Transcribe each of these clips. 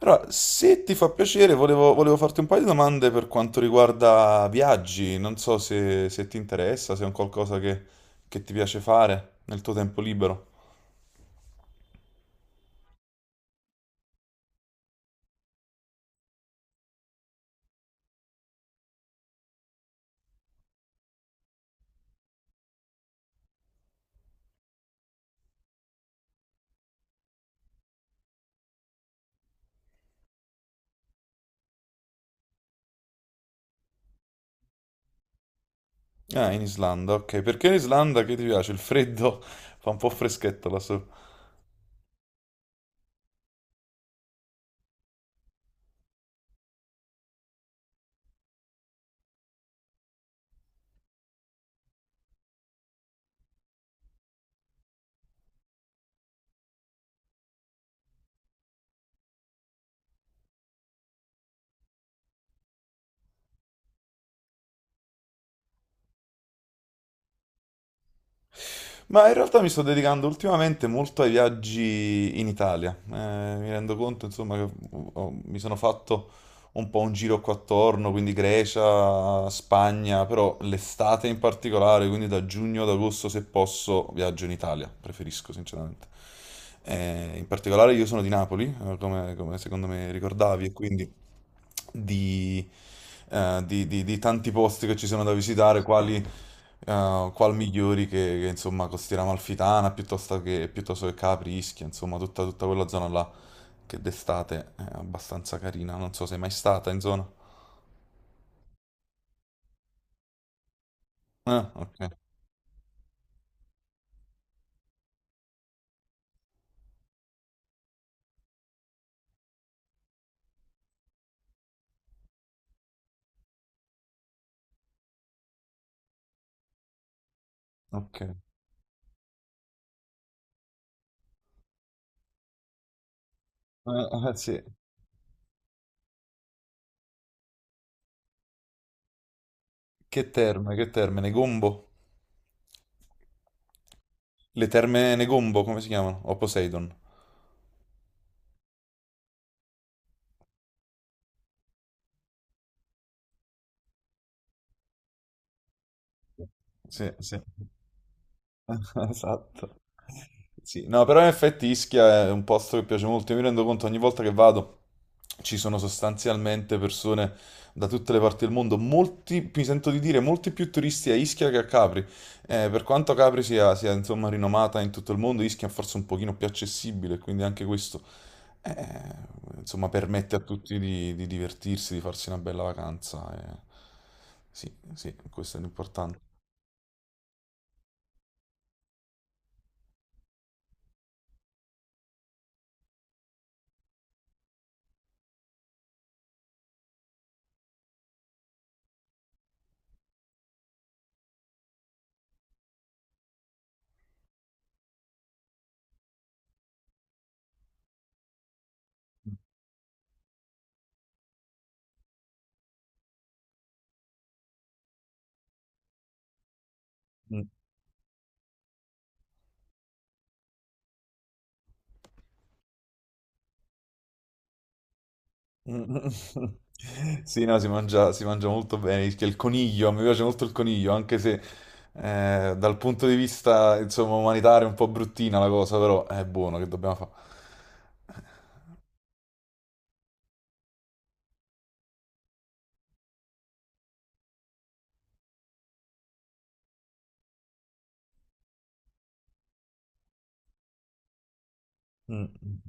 Allora, se ti fa piacere, volevo farti un paio di domande per quanto riguarda viaggi. Non so se ti interessa, se è un qualcosa che ti piace fare nel tuo tempo libero. Ah, in Islanda, ok. Perché in Islanda che ti piace? Il freddo fa un po' freschetto là su. Ma in realtà mi sto dedicando ultimamente molto ai viaggi in Italia. Mi rendo conto, insomma, che mi sono fatto un po' un giro qua attorno, quindi Grecia, Spagna, però l'estate in particolare, quindi da giugno ad agosto se posso viaggio in Italia, preferisco sinceramente. In particolare io sono di Napoli, come secondo me ricordavi, e quindi di, di tanti posti che ci sono da visitare, quali, qual migliori che, insomma Costiera Amalfitana piuttosto che Capri, Ischia, insomma tutta quella zona là che d'estate è abbastanza carina, non so se è mai stata in zona. Ah, ok. Sì. Che terme, Negombo? Le terme Negombo, come si chiamano? O Poseidon? Sì, sì. Esatto. Sì, no, però in effetti Ischia è un posto che piace molto. Io mi rendo conto ogni volta che vado ci sono sostanzialmente persone da tutte le parti del mondo. Molti, mi sento di dire, molti più turisti a Ischia che a Capri. Per quanto Capri sia, insomma rinomata in tutto il mondo, Ischia è forse un pochino più accessibile, quindi anche questo eh, insomma permette a tutti di divertirsi, di farsi una bella vacanza. Eh. Sì, sì, questo è l'importante. Mm. Sì, no, si mangia molto bene. Il coniglio, mi piace molto il coniglio, anche se dal punto di vista, insomma, umanitario è un po' bruttina la cosa, però è buono, che dobbiamo fare? Mm.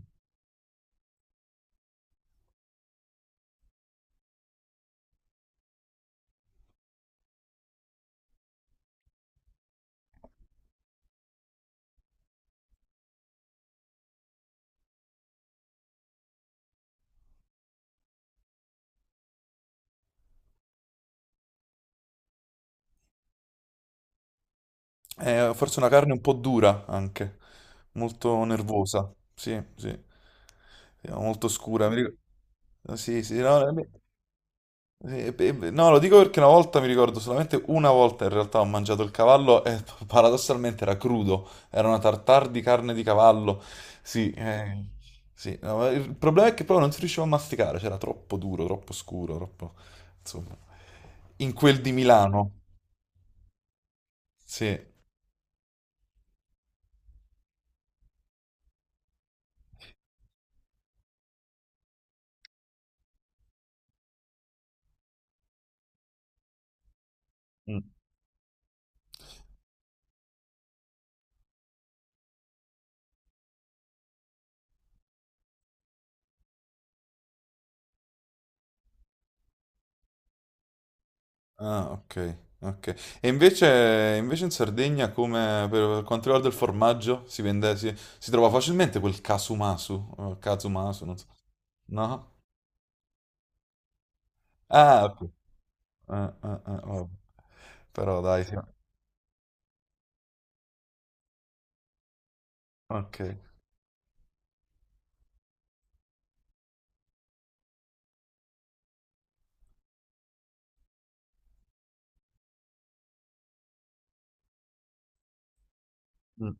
È forse una carne un po' dura anche, molto nervosa, sì, sì. Sì, molto scura. Sì, sì, no. Beh, beh, no, lo dico perché una volta mi ricordo solamente una volta in realtà ho mangiato il cavallo e paradossalmente era crudo, era una tartare di carne di cavallo. Sì, sì, no, ma il problema è che proprio non si riusciva a masticare, c'era troppo duro, troppo scuro, troppo... insomma. In quel di Milano. Sì. Mm. Ah, ok. E invece in Sardegna, come per quanto riguarda il formaggio, si vende, si trova facilmente quel casumasu, casumasu, non so. No? Ah, pu- ah, ah, ah, vabbè. Però dai, sì. Ok. Mm,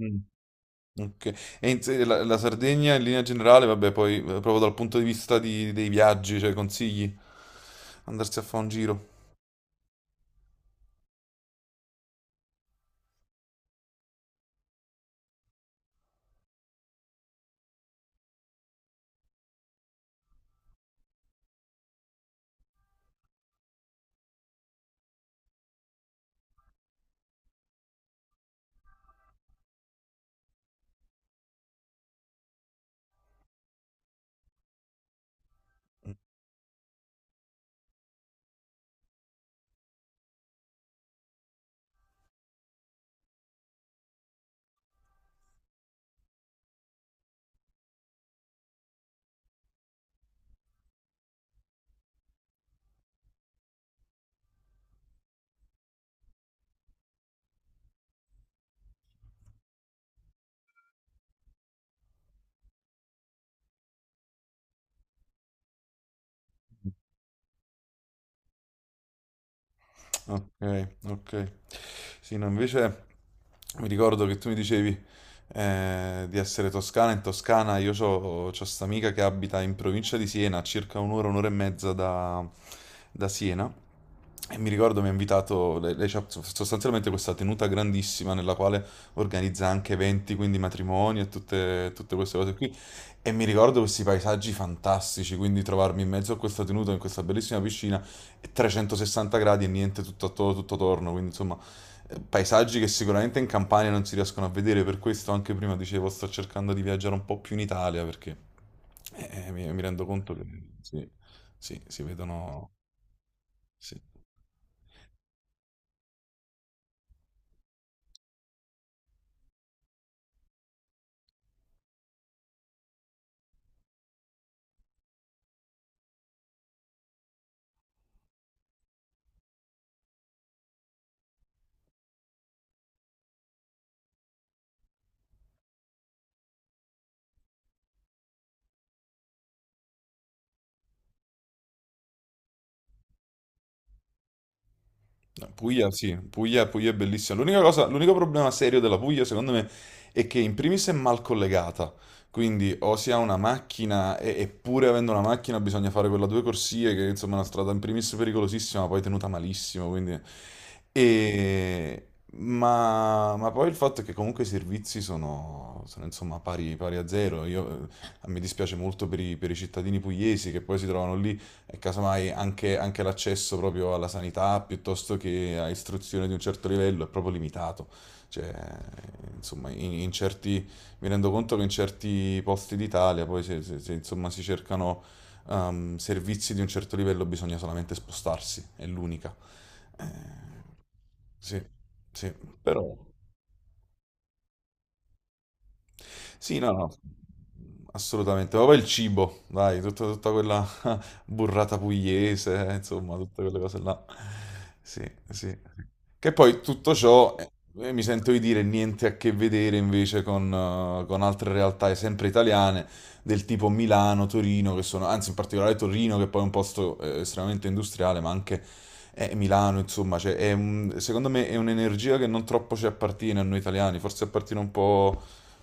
mm, ok. E in se- la, la Sardegna in linea generale, vabbè, poi proprio dal punto di vista dei viaggi, cioè consigli andarsi a fare un giro. Ok, ok. Sì, no, invece mi ricordo che tu mi dicevi di essere toscana. In Toscana io ho questa amica che abita in provincia di Siena, a circa un'ora, un'ora e mezza da, da Siena. E mi ricordo mi ha invitato, lei c'ha so, sostanzialmente questa tenuta grandissima nella quale organizza anche eventi, quindi matrimoni e tutte queste cose qui. E mi ricordo questi paesaggi fantastici, quindi trovarmi in mezzo a questa tenuta, in questa bellissima piscina. 360 gradi e niente tutto attorno, tutto attorno, quindi insomma paesaggi che sicuramente in Campania non si riescono a vedere, per questo anche prima dicevo sto cercando di viaggiare un po' più in Italia perché mi rendo conto che sì, sì, si vedono... sì. No, Puglia, sì, Puglia è bellissima. L'unica cosa, l'unico problema serio della Puglia, secondo me, è che in primis è mal collegata. Quindi o si ha una macchina, e, eppure avendo una macchina bisogna fare quella due corsie, che insomma è una strada in primis pericolosissima, ma poi tenuta malissimo. Quindi... e... Ma poi il fatto è che comunque i servizi sono, insomma pari a zero. Io, mi dispiace molto per per i cittadini pugliesi che poi si trovano lì e casomai anche l'accesso proprio alla sanità piuttosto che a istruzione di un certo livello è proprio limitato. Cioè, insomma, in certi, mi rendo conto che in certi posti d'Italia poi se, insomma, si cercano servizi di un certo livello bisogna solamente spostarsi, è l'unica. Eh, sì, sì, però... Sì, no, no, assolutamente. Ma poi il cibo, dai, tutta quella, burrata pugliese, insomma, tutte quelle cose là. Sì, sì. Sì. Che poi tutto ciò, mi sento di dire, niente a che vedere invece con altre realtà, sempre italiane, del tipo Milano, Torino, che sono, anzi in particolare Torino, che poi è un posto estremamente industriale, ma anche Milano, insomma, cioè, è un- secondo me è un'energia che non troppo ci appartiene a noi italiani, forse appartiene un po'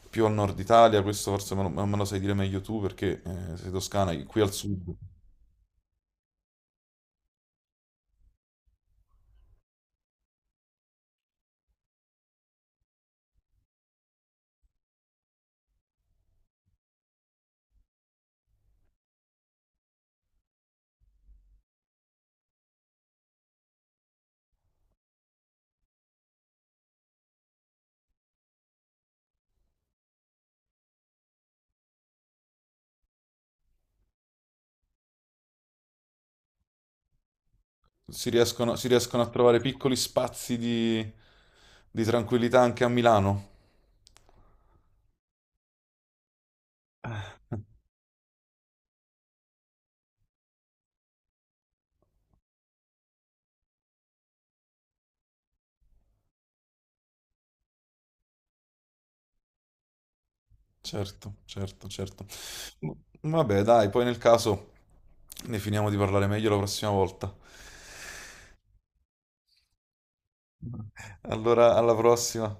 più al nord Italia, questo forse me lo sai dire meglio tu perché sei toscana, qui al sud. Si riescono a trovare piccoli spazi di tranquillità anche a Milano. Certo, certo, certo. M- vabbè, dai, poi nel caso ne finiamo di parlare meglio la prossima volta. Allora, alla prossima.